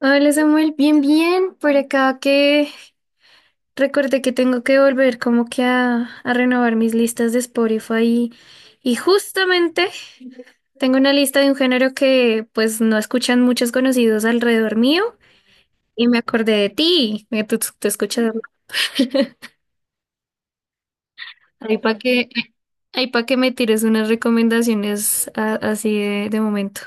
Hola Samuel, bien, bien. Por acá que recordé que tengo que volver como que a renovar mis listas de Spotify y justamente tengo una lista de un género que pues no escuchan muchos conocidos alrededor mío y me acordé de ti, que tú escuchas. Ahí para que, ahí pa' que me tires unas recomendaciones así de momento.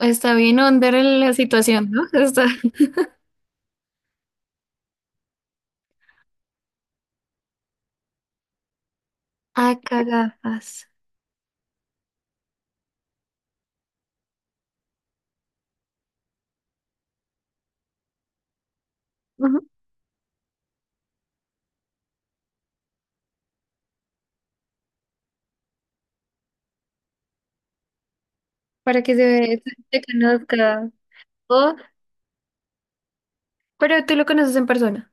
Está bien under la situación, ¿no? Está acá gafas. Para que se conozca. O pero tú lo conoces en persona.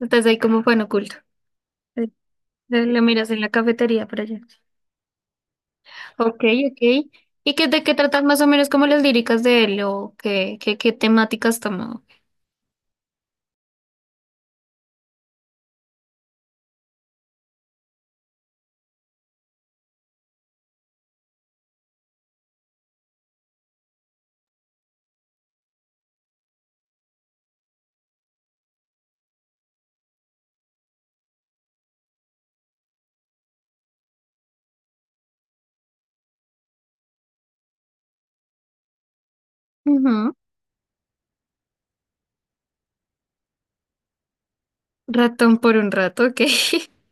Estás ahí como fan oculto. Eh, Lo miras en la cafetería por allá. Ok, ok. ¿Y qué, de qué tratas más o menos como las líricas de él o qué temáticas toma? Ujú. Ratón por un rato, ok.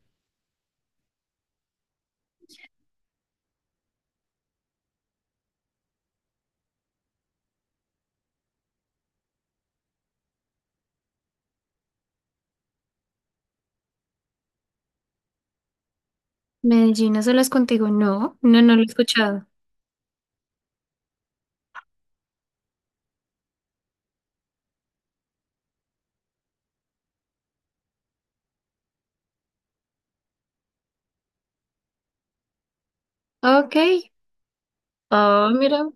Medellín, ¿no las contigo? No, no, no lo he escuchado. Ok. Oh, mira.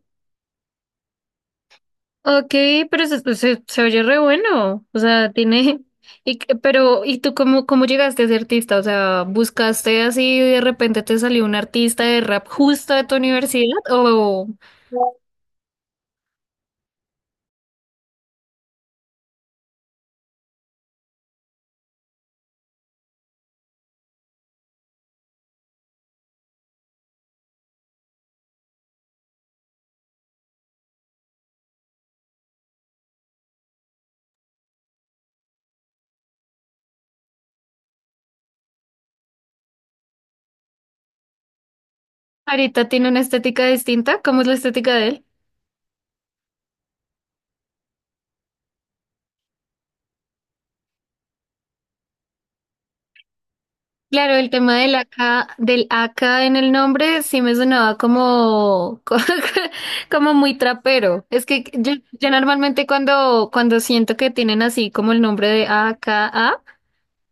Ok, pero se oye re bueno, o sea, tiene, pero, ¿y tú cómo llegaste a ser artista? O sea, ¿buscaste así y de repente te salió un artista de rap justo de tu universidad o ahorita tiene una estética distinta? ¿Cómo es la estética de él? Claro, el tema del AK, del AK en el nombre sí me sonaba como, como muy trapero. Es que yo normalmente cuando siento que tienen así como el nombre de AKA,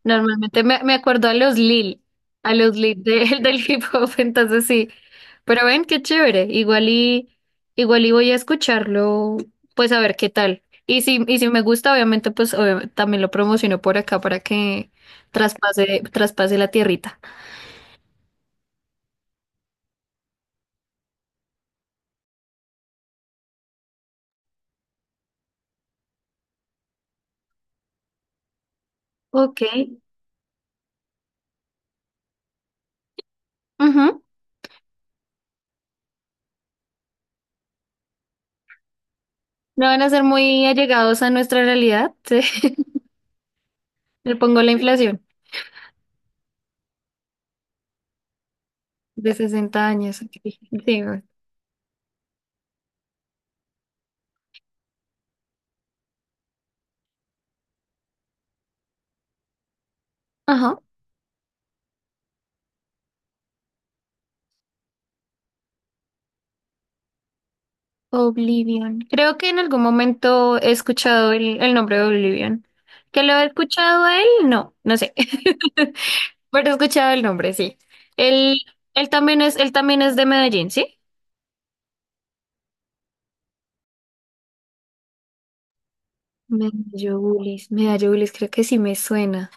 normalmente me acuerdo a los Lil del hip hop, entonces sí. Pero ven, qué chévere. Igual y voy a escucharlo, pues a ver qué tal. Y si me gusta, obviamente, pues también lo promociono por acá para que traspase la tierrita. Ok. Ujú. No van a ser muy allegados a nuestra realidad. Sí. Le pongo la inflación de 60 años. Ok. Sí. Ajá. Oblivion. Creo que en algún momento he escuchado el nombre de Oblivion. ¿Que lo he escuchado a él? No, no sé. Pero he escuchado el nombre, sí. Él, él también es de Medellín, ¿sí? Medallobulis, Medallobulis, creo que sí me suena.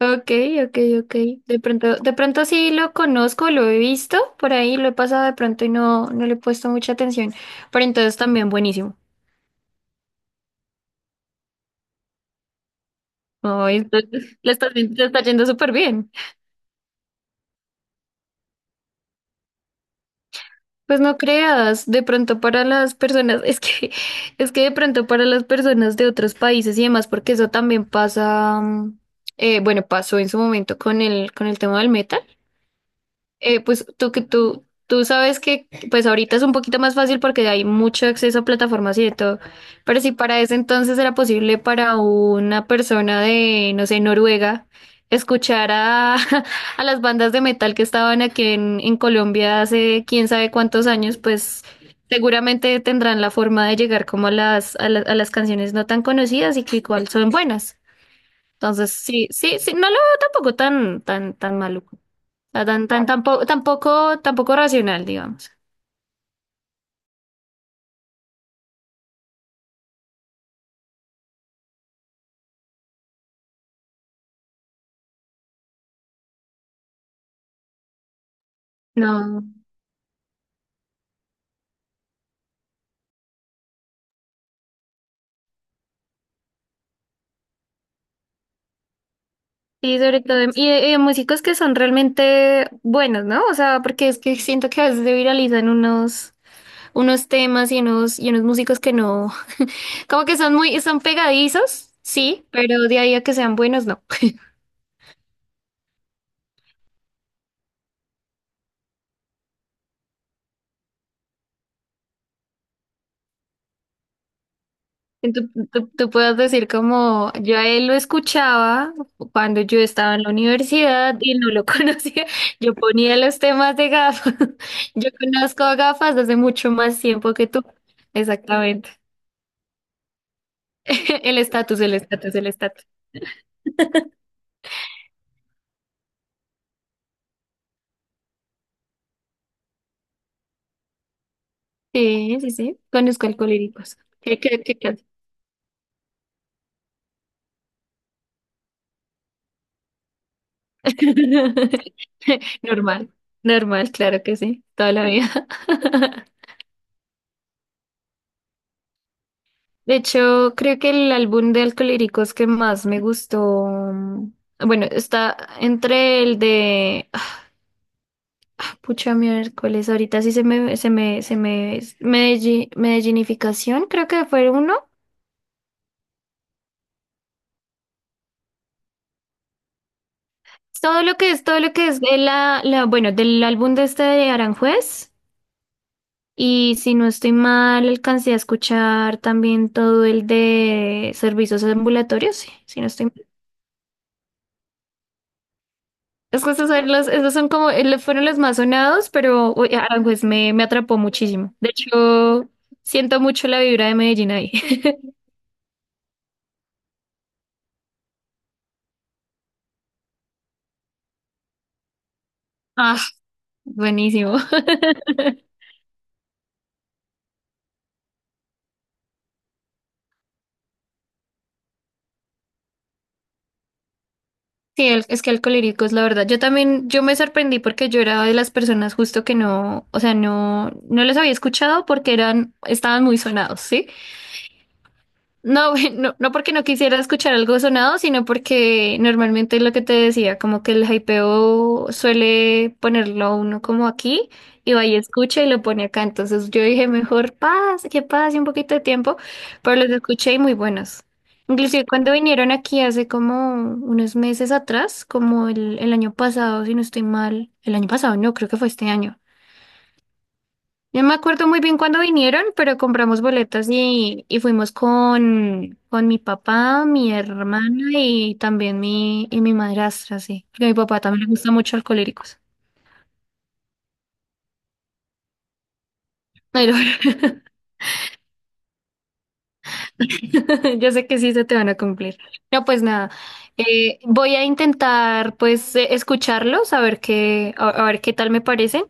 Ok, ok, ok. De pronto sí lo conozco, lo he visto por ahí, lo he pasado de pronto y no, no le he puesto mucha atención. Pero entonces también buenísimo. No, le está yendo súper bien. Pues no creas, de pronto para las personas, es que de pronto para las personas de otros países y demás, porque eso también pasa, bueno, pasó en su momento con el tema del metal. Pues tú sabes que pues ahorita es un poquito más fácil porque hay mucho acceso a plataformas y de todo, pero si para ese entonces era posible para una persona de, no sé, Noruega, escuchar a las bandas de metal que estaban aquí en Colombia hace quién sabe cuántos años, pues seguramente tendrán la forma de llegar como a las canciones no tan conocidas y que igual son buenas. Entonces, sí, sí, sí, no lo veo tampoco tan, tan, tan malo sea, tampoco, tampoco, tampoco racional, digamos. No. Sí, sobre todo, y de músicos que son realmente buenos, ¿no? O sea, porque es que siento que a veces se viralizan unos temas y y unos músicos que no, como que son son pegadizos, sí, pero de ahí a que sean buenos, no. Y tú puedes decir como yo a él lo escuchaba cuando yo estaba en la universidad y no lo conocía. Yo ponía los temas de gafas. Yo conozco a gafas desde mucho más tiempo que tú. Exactamente. El estatus, el estatus, el estatus. Sí, sí, sí. Conozco Alcohólicos. ¿Qué? Normal, normal, claro que sí. Toda la vida. De hecho, creo que el álbum de Alcohólicos que más me gustó, bueno, está entre el de, pucha miércoles, ahorita sí Medellinificación, creo que fue uno. Todo lo que es bueno, del álbum de este de Aranjuez. Y si no estoy mal, alcancé a escuchar también todo el de servicios ambulatorios, sí, si no estoy mal. Es que esos son los, Fueron los más sonados, pero uy, Aranjuez me atrapó muchísimo. De hecho, siento mucho la vibra de Medellín ahí. Ah, buenísimo. Sí, es que Alcohólicos, la verdad. Yo me sorprendí porque yo era de las personas justo que no, o sea, no, no los había escuchado porque estaban muy sonados, ¿sí? No, güey, no, no porque no quisiera escuchar algo sonado, sino porque normalmente lo que te decía, como que el hypeo suele ponerlo a uno como aquí y va y escucha y lo pone acá. Entonces yo dije, mejor pase, que pase un poquito de tiempo, pero los escuché y muy buenos. Inclusive cuando vinieron aquí hace como unos meses atrás, como el año pasado, si no estoy mal, el año pasado no, creo que fue este año. Yo me acuerdo muy bien cuando vinieron, pero compramos boletas y fuimos con mi papá, mi hermana y también y mi madrastra, sí. Porque a mi papá también le gusta mucho Alcohólicos. Ay, no. Yo sé que sí se te van a cumplir. No, pues nada. Voy a intentar pues escucharlos, a ver qué, a ver qué tal me parecen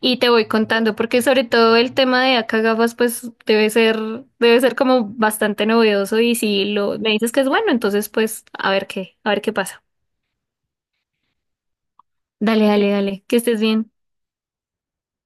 y te voy contando, porque sobre todo el tema de acá gafas pues debe ser como bastante novedoso y si lo me dices que es bueno, entonces pues a ver qué pasa. Dale, dale, dale, que estés bien.